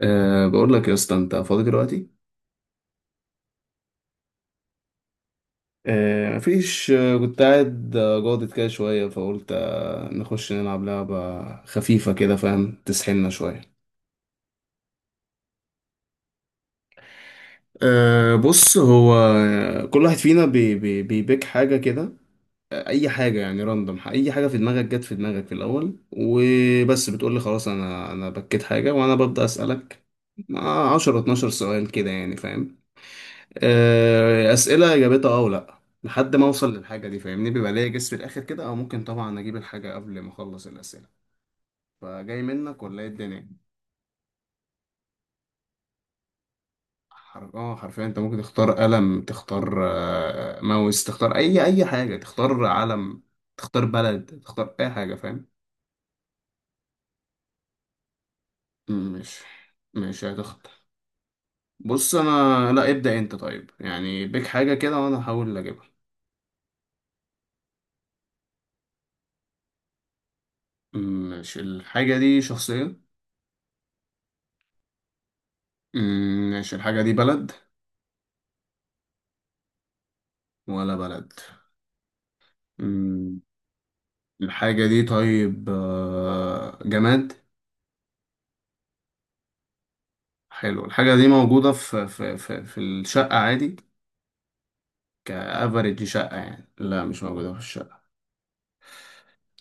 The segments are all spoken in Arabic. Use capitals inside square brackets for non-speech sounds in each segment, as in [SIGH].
بقول لك يا اسطى انت فاضي دلوقتي. مفيش. كنت قاعد، جاضد كده شويه، فقلت نخش نلعب لعبه خفيفه كده، فاهم، تسحلنا شويه. بص، هو كل واحد فينا بي بي بيبيك حاجه كده. اي حاجه يعني، راندوم، اي حاجه في دماغك، جت في دماغك في الاول وبس، بتقول لي خلاص انا بكيت حاجه، وانا ببدا اسالك مع 10 12 سؤال كده يعني فاهم. أسئلة إجابتها ولا، لحد ما أوصل للحاجة دي فاهمني، بيبقى ليا جس في الآخر كده، أو ممكن طبعا أجيب الحاجة قبل ما أخلص الأسئلة. فجاي منك ولا إيه الدنيا؟ حر... أه حرفيا أنت ممكن تختار قلم، تختار، ماوس، تختار أي حاجة، تختار علم، تختار بلد، تختار أي حاجة فاهم؟ مش مش هتختار. بص أنا لا ابدأ أنت، طيب يعني بيك حاجة كده وأنا هحاول أجيبها. مش الحاجة دي شخصية؟ مش الحاجة دي بلد؟ ولا بلد. مم. الحاجة دي طيب، جماد؟ حلو. الحاجة دي موجودة في الشقة عادي؟ كأفريج شقة يعني. لا، مش موجودة في الشقة.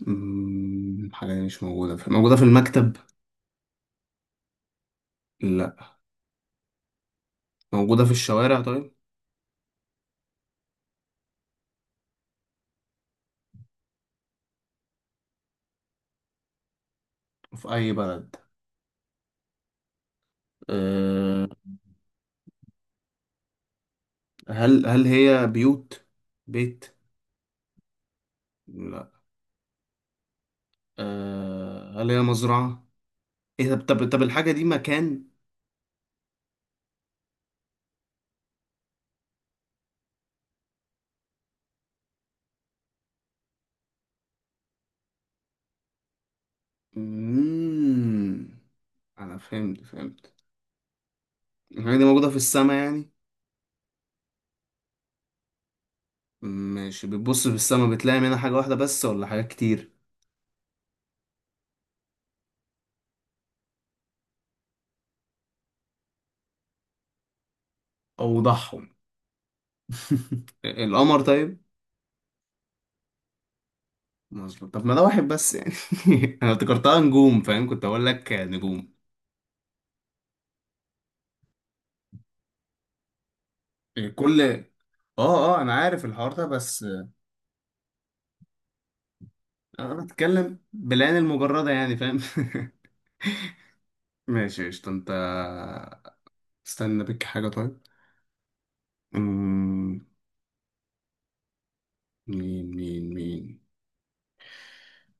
مم، الحاجة دي مش موجودة في موجودة في المكتب؟ لا. موجودة في الشوارع طيب. في أي بلد؟ أه. هل هي بيوت، بيت؟ لا. أه، هل هي مزرعة؟ إيه، طب الحاجة دي مكان؟ مم. أنا فهمت. الحاجة دي موجودة في السماء يعني. ماشي، بتبص في السماء بتلاقي منها حاجة واحدة بس ولا حاجات كتير؟ اوضحهم. [LAUGHS] القمر طيب. مظبوط. طب ما ده واحد بس يعني. [LAUGHS] انا افتكرتها نجوم، فاهم، كنت اقول لك نجوم. كل. اه اه، انا عارف الحوار ده بس انا بتكلم بالعين المجردة يعني، فاهم؟ [LAUGHS] ماشي قشطة انت. استنى، بك حاجة طيب. أمم، مين مين.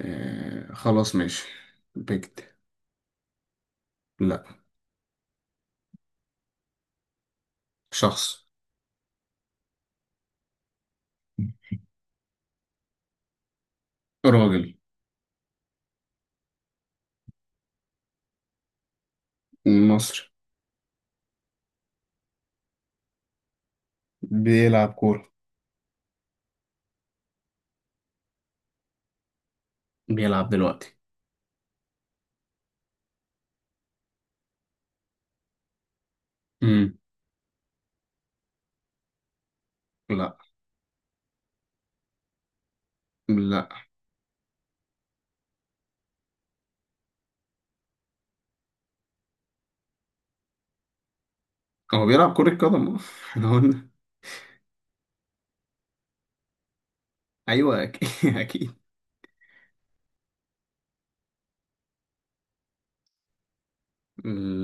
آه، خلاص ماشي. بكت. لا. شخص. راجل. مصري. بيلعب كورة. بيلعب دلوقتي. امم. لا. لا هو بيلعب كرة قدم. [LAUGHS] اه. احنا قلنا. ايوه اكيد. [LAUGHS] اكيد.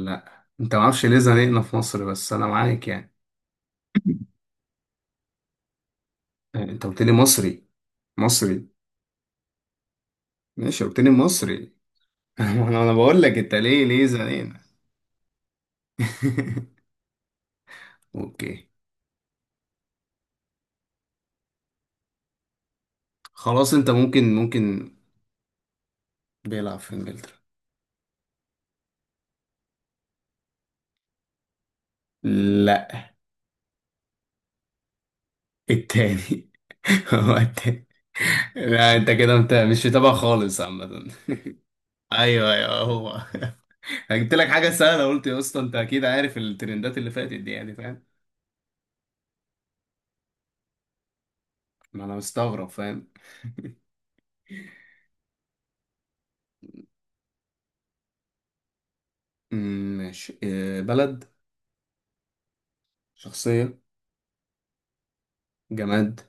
لا انت، ما اعرفش ليه زنقنا في مصر، بس انا معاك يعني. [COUGHS] انت قلت لي مصري. مصري. ماشي، قلت لي مصري. [LAUGHS] أنا بقول لك انت ليه زنقنا. [LAUGHS] اوكي. خلاص، انت ممكن. بيلعب في انجلترا. لا. التاني. [LAUGHS] هو التاني. لا انت كده، انت مش متابع خالص عامة. ايوه ايوه هو. [LAUGHS] أنا جبت لك حاجه سهله، قلت يا اسطى انت اكيد عارف الترندات اللي فاتت دي يعني، فاهم. ما انا مستغرب فاهم. [LAUGHS] ماشي. بلد؟ شخصيه؟ جماد.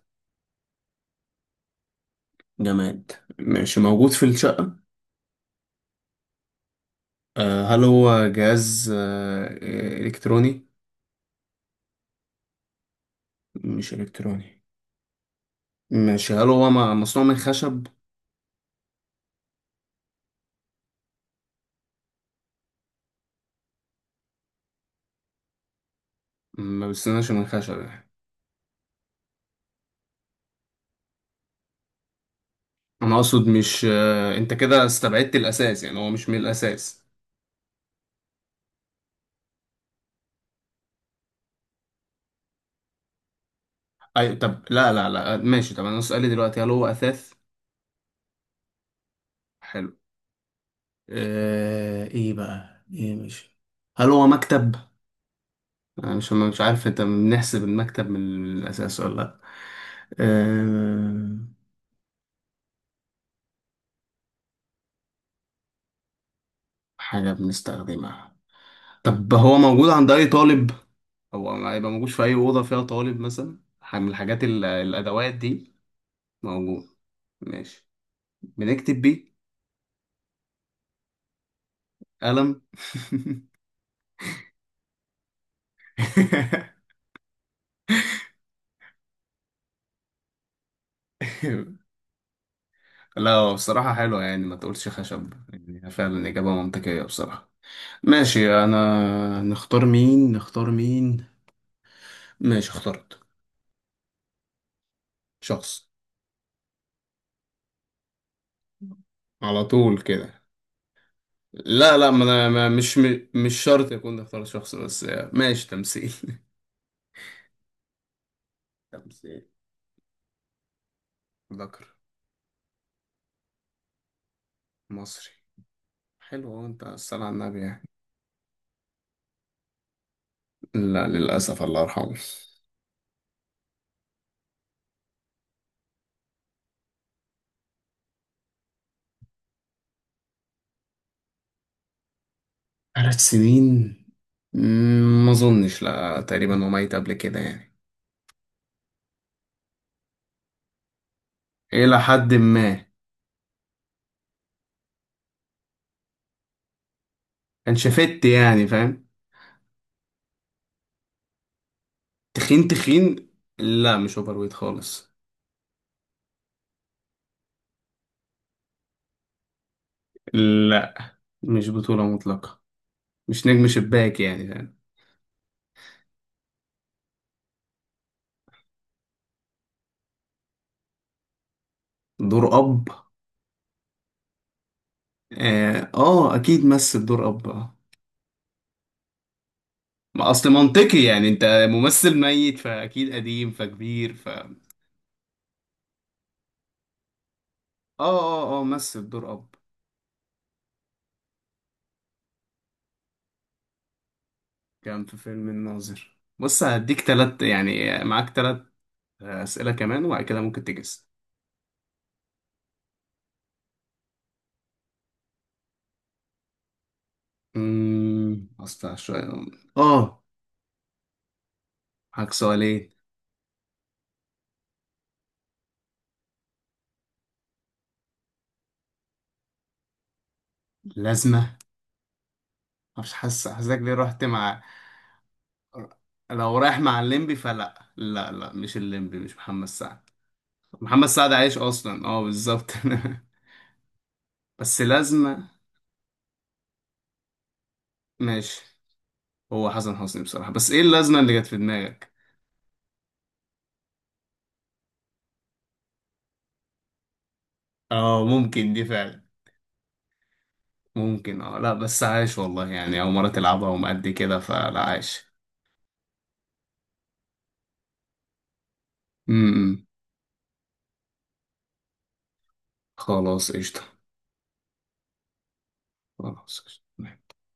جماد ماشي، موجود في الشقه. هل هو جهاز الكتروني؟ مش الكتروني. ماشي، هل هو مصنوع من خشب؟ ما بستناش من خشب يعني. انا اقصد، مش، انت كده استبعدت الاساس يعني، هو مش من الاساس. اي طب، لا ماشي. طب انا سؤالي دلوقتي، هل هو اثاث؟ حلو. آه، ايه بقى ايه مش هل هو مكتب؟ انا مش عارف انت بنحسب المكتب من الاساس ولا لا. آه، حاجه بنستخدمها. طب هو موجود عند اي طالب، او هيبقى موجود في اي اوضه فيها طالب مثلا، حاجة من الحاجات الادوات دي؟ موجود. ماشي. بنكتب بيه. قلم. [LAUGHS] لا هو بصراحة حلوة يعني، ما تقولش خشب يعني، فعلا إجابة منطقية بصراحة. ماشي، انا نختار مين، نختار مين. ماشي، اخترت. شخص. على طول كده. لا ما انا، ما مش مش شرط يكون اختار شخص بس. ماشي، تمثيل. [LAUGHS] تمثيل. ذكر. مصري. حلو، هو انت الصلاة على النبي يعني. لا للأسف الله يرحمه. 3 سنين؟ مم، ما اظنش، لا تقريبا هو ميت قبل كده يعني. الى حد ما. كان شفت يعني فاهم. تخين تخين. لا مش اوبر ويت خالص. لا مش بطولة مطلقة. مش نجم شباك يعني يعني. دور أب. أكيد مثل دور أب آه. ما أصل منطقي يعني، أنت ممثل ميت فأكيد قديم فكبير ف. مثل دور أب. كان في فيلم الناظر. بص هديك تلات يعني، معاك تلات أسئلة كمان، وبعد كده ممكن تجس. أمم، أصل شوية. آه، معاك سؤالين. لازمة؟ مش حاسس، حاسسك ليه رحت مع. لو رايح مع الليمبي فلا لا لا. مش الليمبي، مش محمد سعد. محمد سعد عايش اصلا، اه بالظبط. [LAUGHS] بس لازمة. ماشي. هو حسن حسني بصراحة، بس ايه اللازمة اللي جت في دماغك؟ اه ممكن دي فعلا. ممكن اه، لا بس عايش والله يعني، او مرة تلعبها ومأدي كده، فلا عايش. امم. خلاص قشطة. خلاص قشطة.